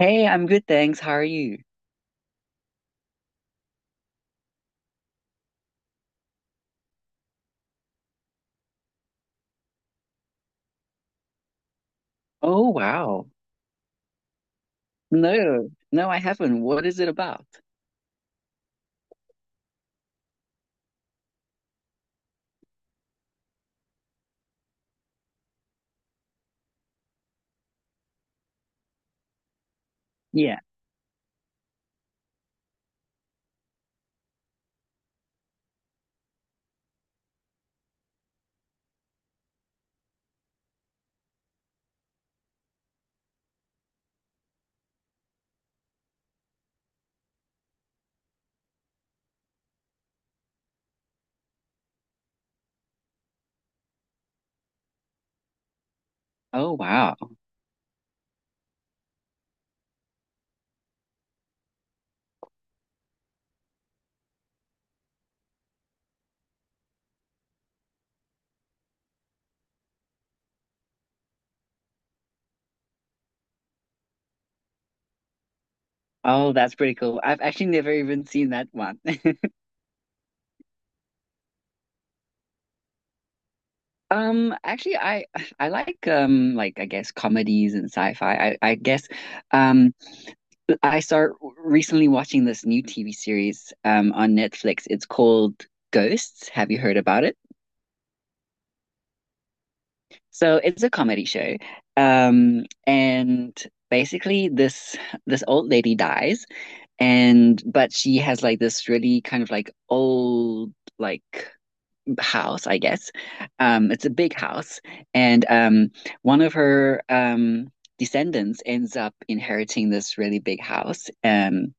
Hey, I'm good, thanks. How are you? Oh, wow. No, no, I haven't. What is it about? Yeah. Oh, wow. Oh, that's pretty cool. I've actually never even seen that one. Actually, I like I guess comedies and sci-fi. I guess um I start recently watching this new TV series on Netflix. It's called Ghosts. Have you heard about it? So it's a comedy show. And basically this old lady dies. And but she has like this really kind of like old like house, I guess. It's a big house, and one of her descendants ends up inheriting this really big house.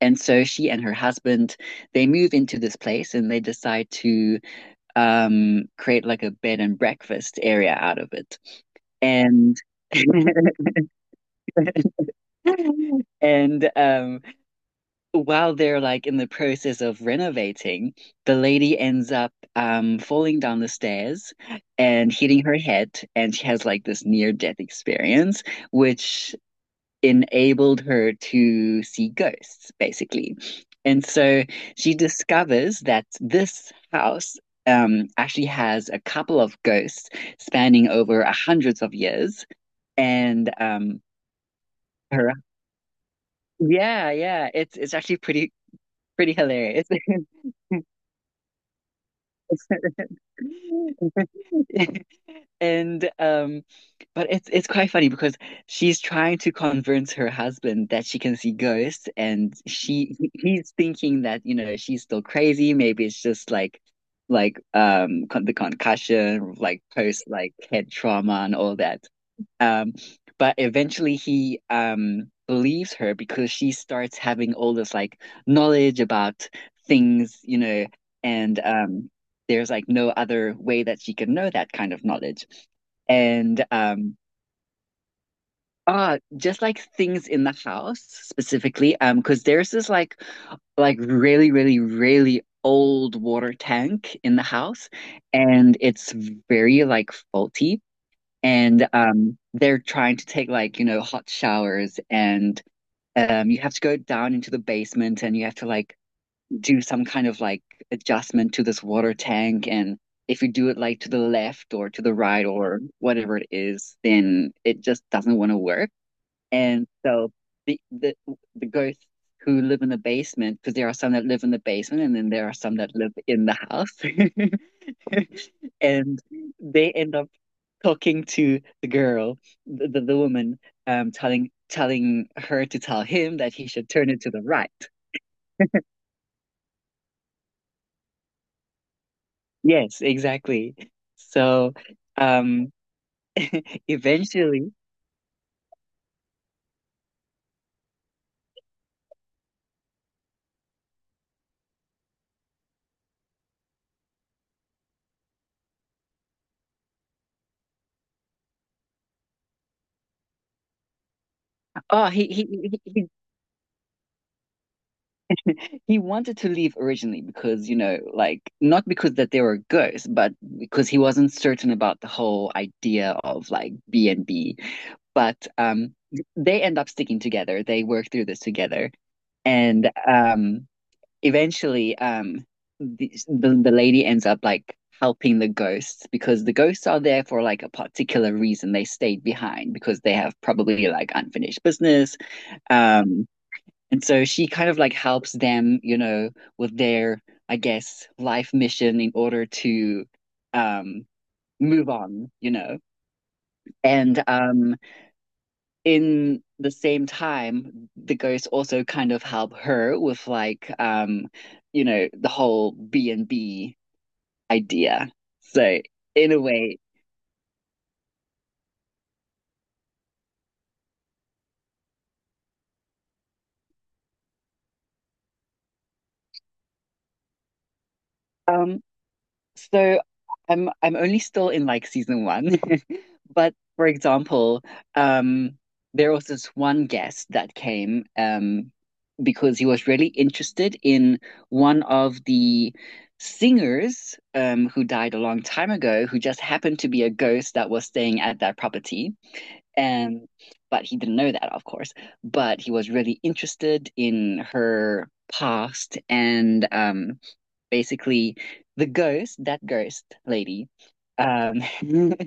And so she and her husband, they move into this place and they decide to create like a bed and breakfast area out of it. And and while they're like in the process of renovating, the lady ends up falling down the stairs and hitting her head, and she has like this near death experience, which enabled her to see ghosts, basically. And so she discovers that this house actually has a couple of ghosts spanning over hundreds of years, and her yeah, it's actually pretty pretty hilarious. And but it's quite funny because she's trying to convince her husband that she can see ghosts, and he's thinking that you know she's still crazy. Maybe it's just like con the concussion, like post like head trauma and all that. Um, but eventually he believes her because she starts having all this like knowledge about things, you know, and there's like no other way that she can know that kind of knowledge. And um, ah, just like things in the house specifically, because there's this like really, really, really old water tank in the house and it's very like faulty and they're trying to take like you know hot showers, and you have to go down into the basement and you have to like do some kind of like adjustment to this water tank, and if you do it like to the left or to the right or whatever it is then it just doesn't want to work. And so the the the ghosts who live in the basement, because there are some that live in the basement and then there are some that live in the house and they end up talking to the girl, the woman, telling her to tell him that he should turn it to the right. Yes, exactly. So, um, eventually, oh, he he wanted to leave originally because, you know, like not because that they were ghosts, but because he wasn't certain about the whole idea of like B and B. But they end up sticking together. They work through this together, and eventually, the lady ends up like helping the ghosts because the ghosts are there for like a particular reason. They stayed behind because they have probably like unfinished business. Um, and so she kind of like helps them, you know, with their, I guess, life mission in order to um move on, you know. And in the same time, the ghosts also kind of help her with like you know, the whole B and B idea. So in a way, um, so I'm only still in like season one. But for example, um, there was this one guest that came because he was really interested in one of the singers who died a long time ago, who just happened to be a ghost that was staying at that property. Um, but he didn't know that, of course. But he was really interested in her past, and basically the ghost, that ghost lady, um,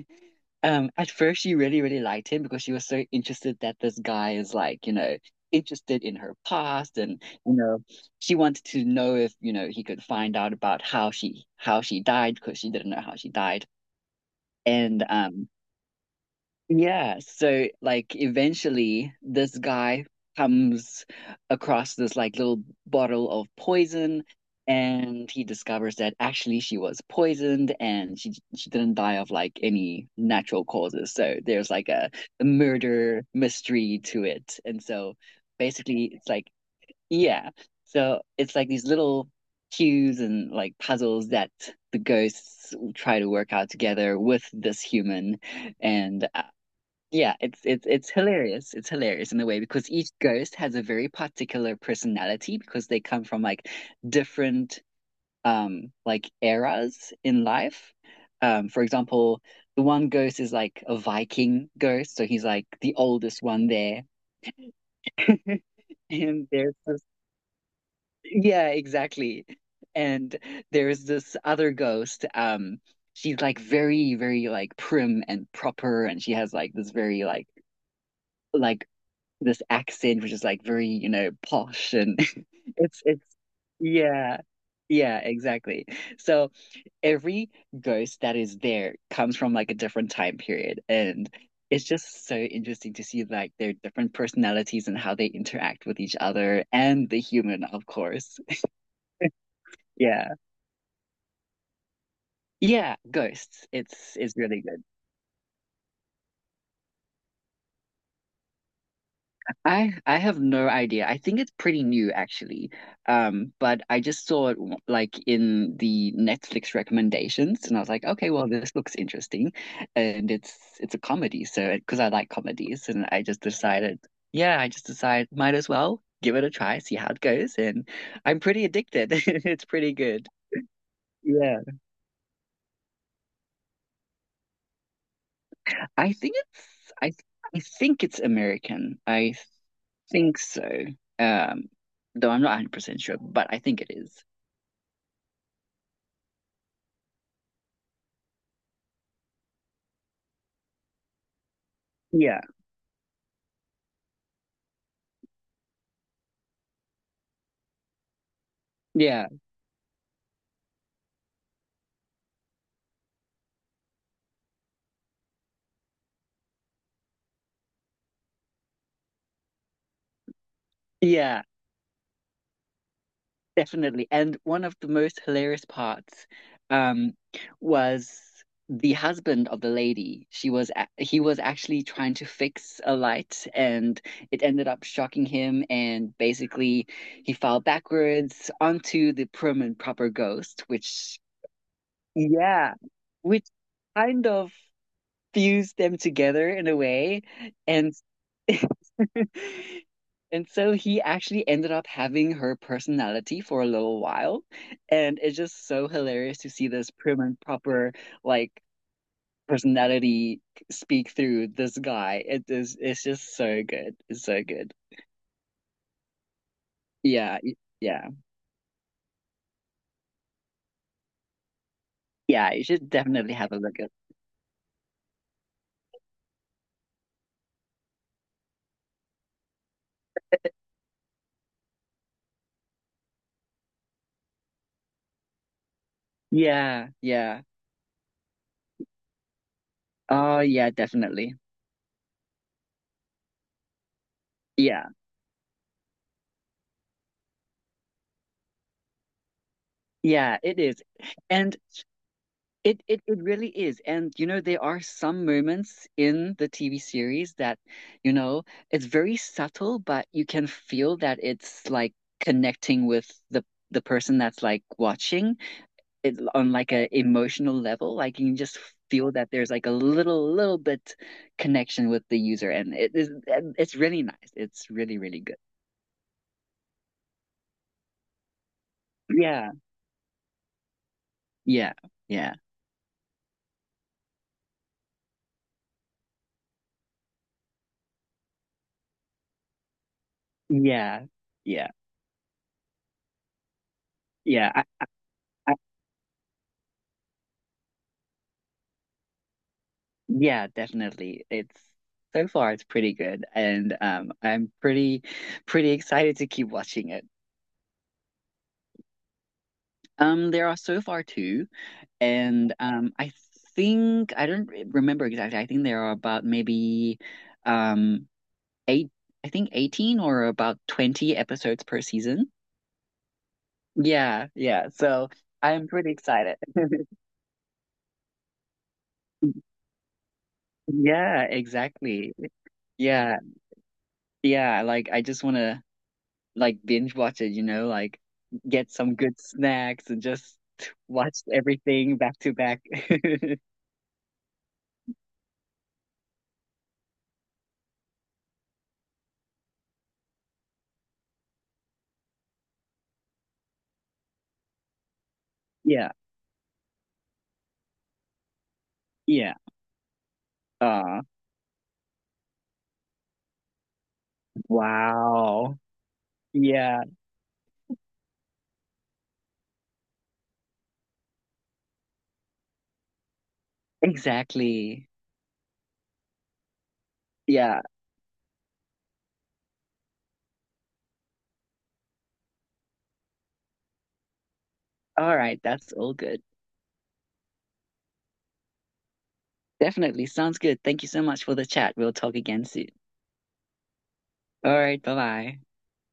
at first she really, really liked him because she was so interested that this guy is like, you know, interested in her past and you know, she wanted to know if, you know, he could find out about how she died because she didn't know how she died. And um, yeah, so like eventually this guy comes across this like little bottle of poison and he discovers that actually she was poisoned and she didn't die of like any natural causes. So there's like a murder mystery to it. And so basically it's like yeah. So it's like these little cues and like puzzles that the ghosts try to work out together with this human and yeah, it's hilarious. It's hilarious in a way because each ghost has a very particular personality because they come from like different like eras in life. For example, the one ghost is like a Viking ghost, so he's like the oldest one there. And there's this, yeah, exactly. And there's this other ghost. She's like very, very like prim and proper, and she has like this very like this accent which is like very, you know, posh and it's yeah. Yeah, exactly. So every ghost that is there comes from like a different time period and it's just so interesting to see like their different personalities and how they interact with each other and the human, of course. Yeah. Yeah, ghosts. It's really good. I have no idea. I think it's pretty new actually. But I just saw it like in the Netflix recommendations and I was like, okay, well this looks interesting. And it's a comedy, so because I like comedies and I just decided, yeah, I just decided might as well give it a try, see how it goes, and I'm pretty addicted. It's pretty good. Yeah. I think it's I I think it's American. I think so. Um, though I'm not 100% sure, but I think it is. Yeah, yeah, yeah, definitely. And one of the most hilarious parts um was the husband of the lady. He was actually trying to fix a light and it ended up shocking him and basically he fell backwards onto the prim and proper ghost, which yeah, which kind of fused them together in a way. And and so he actually ended up having her personality for a little while. And it's just so hilarious to see this prim and proper like personality speak through this guy. It is, it's just so good. It's so good. Yeah, y- yeah. Yeah, you should definitely have a look at. Yeah, yeah. Oh yeah, definitely. Yeah. Yeah, it is. And it, it really is. And you know, there are some moments in the TV series that, you know, it's very subtle, but you can feel that it's like connecting with the person that's like watching it on like a emotional level. Like you can just feel that there's like a little little bit connection with the user and it is and it's really nice. It's really, really good. Yeah. Yeah. Yeah. Yeah. Yeah. Yeah. I, yeah, definitely. It's so far it's pretty good, and I'm pretty pretty excited to keep watching it. There are so far two, and I think I don't remember exactly. I think there are about maybe um eight, I think 18 or about 20 episodes per season. Yeah, yeah. So I'm pretty excited. Yeah, exactly. Yeah, yeah. Like I just want to. Like binge watch it, you know, like get some good snacks and just watch everything back to back. Yeah, yeah. Uh, wow. Yeah, exactly. Yeah. All right, that's all good. Definitely sounds good. Thank you so much for the chat. We'll talk again soon. All right, bye-bye.